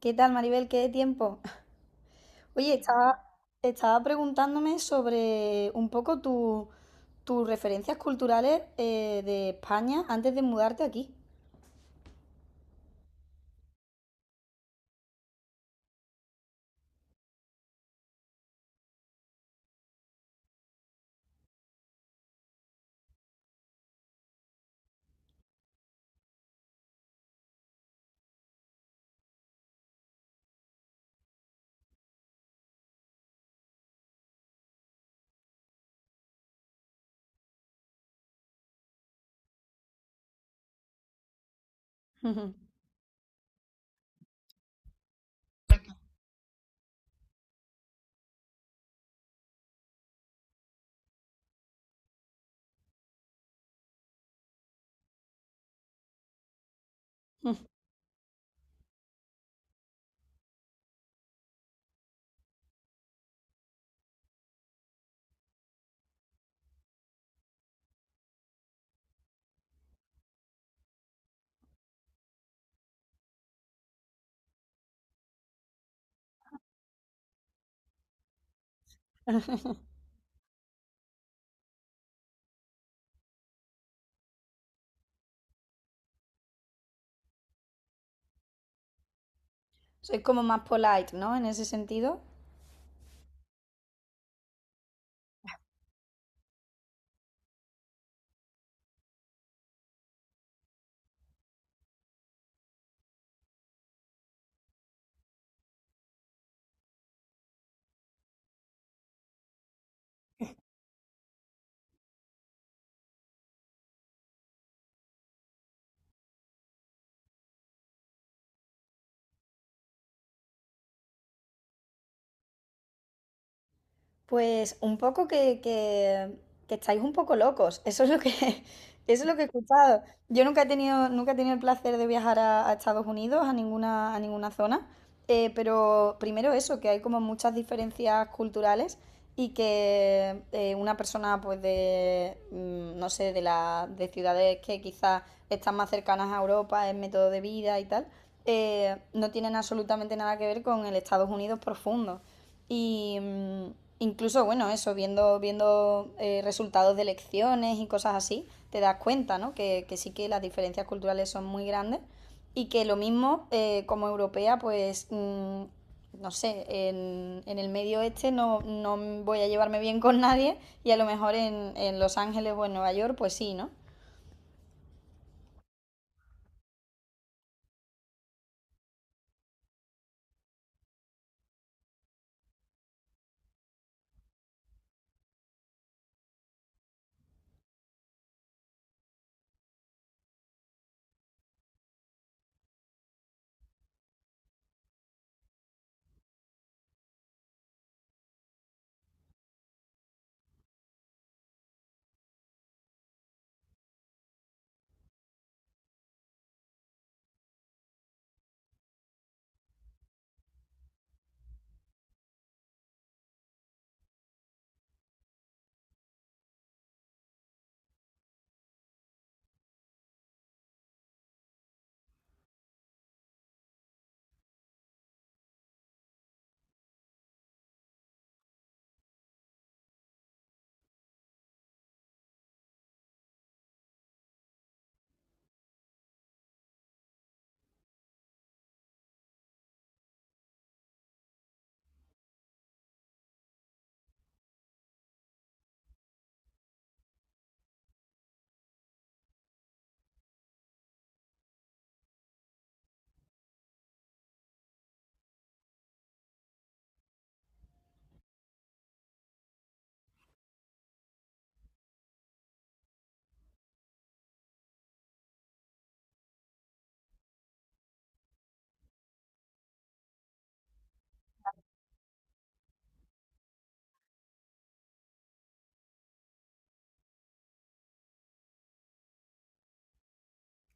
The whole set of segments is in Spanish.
¿Qué tal, Maribel? ¿Qué de tiempo? Oye, estaba, estaba preguntándome sobre un poco tus referencias culturales de España antes de mudarte aquí. Sois como más polite, ¿no? En ese sentido. Pues un poco que estáis un poco locos. Eso es lo que, eso es lo que he escuchado. Yo nunca he tenido, nunca he tenido el placer de viajar a Estados Unidos, a ninguna zona. Pero primero eso, que hay como muchas diferencias culturales y que una persona pues no sé, de ciudades que quizás están más cercanas a Europa en método de vida y tal, no tienen absolutamente nada que ver con el Estados Unidos profundo. Y incluso, bueno, eso, viendo resultados de elecciones y cosas así, te das cuenta, ¿no? Que sí que las diferencias culturales son muy grandes y que lo mismo como europea, pues, no sé, en el medio este no voy a llevarme bien con nadie y a lo mejor en Los Ángeles o en Nueva York, pues sí, ¿no?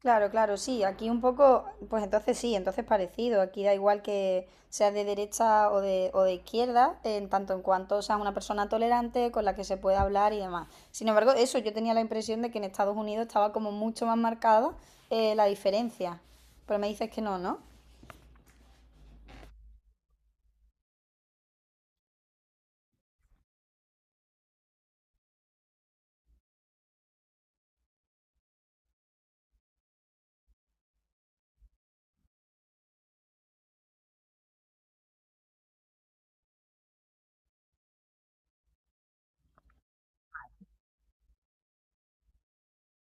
Claro, claro, sí, aquí un poco, pues entonces sí, entonces parecido, aquí da igual que seas de derecha o de izquierda, en tanto en cuanto seas una persona tolerante con la que se puede hablar y demás. Sin embargo, eso, yo tenía la impresión de que en Estados Unidos estaba como mucho más marcada la diferencia, pero me dices que no, ¿no?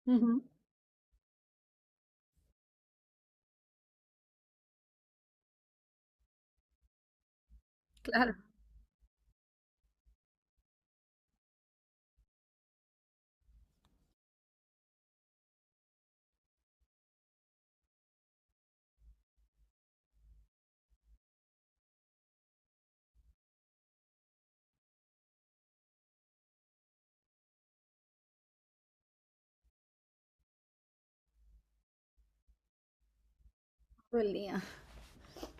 Ujú. Todo el día.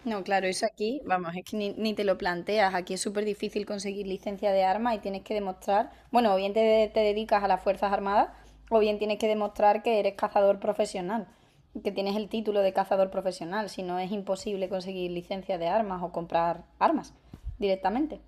No, claro, eso aquí, vamos, es que ni te lo planteas. Aquí es súper difícil conseguir licencia de armas y tienes que demostrar, bueno, o bien te dedicas a las Fuerzas Armadas, o bien tienes que demostrar que eres cazador profesional, que tienes el título de cazador profesional, si no es imposible conseguir licencia de armas o comprar armas directamente.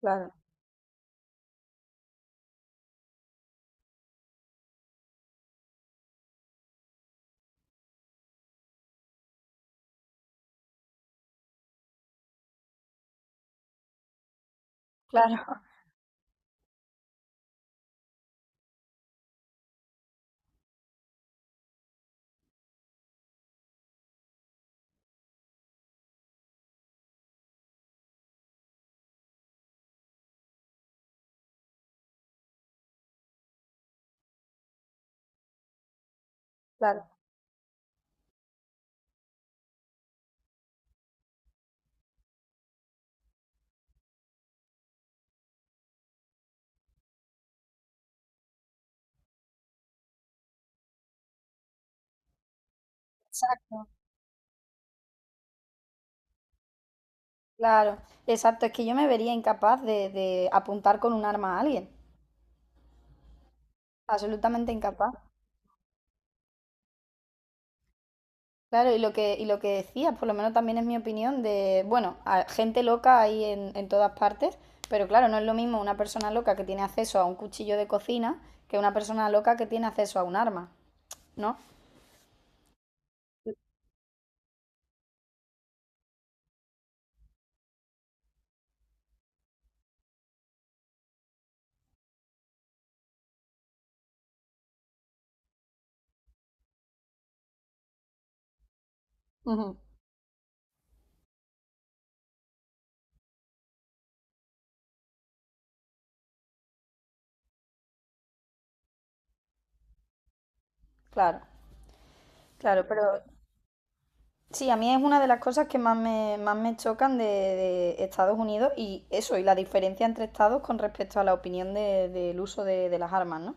Claro, claro, claro. Exacto, claro. Exacto, es que yo me vería incapaz de apuntar con un arma a alguien. Absolutamente incapaz. Claro, y lo que decías, por lo menos también es mi opinión de, bueno, a- gente loca hay en todas partes, pero claro, no es lo mismo una persona loca que tiene acceso a un cuchillo de cocina que una persona loca que tiene acceso a un arma, ¿no? Ujú. Claro, claro, pero sí, a mí es una de las cosas que más más me chocan de Estados Unidos y eso, y la diferencia entre estados con respecto a la opinión del uso de las armas, ¿no?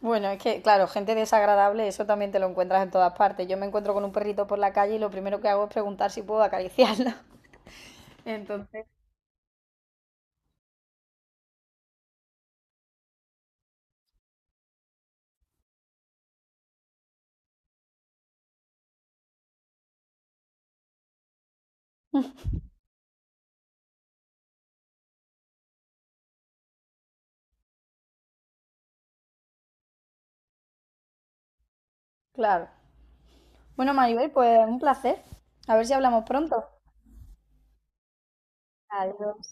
Bueno, es que, claro, gente desagradable, eso también te lo encuentras en todas partes. Yo me encuentro con un perrito por la calle y lo primero que hago es preguntar si puedo acariciarlo. Entonces, claro. Bueno, Maribel, pues un placer. A ver si hablamos pronto. Adiós.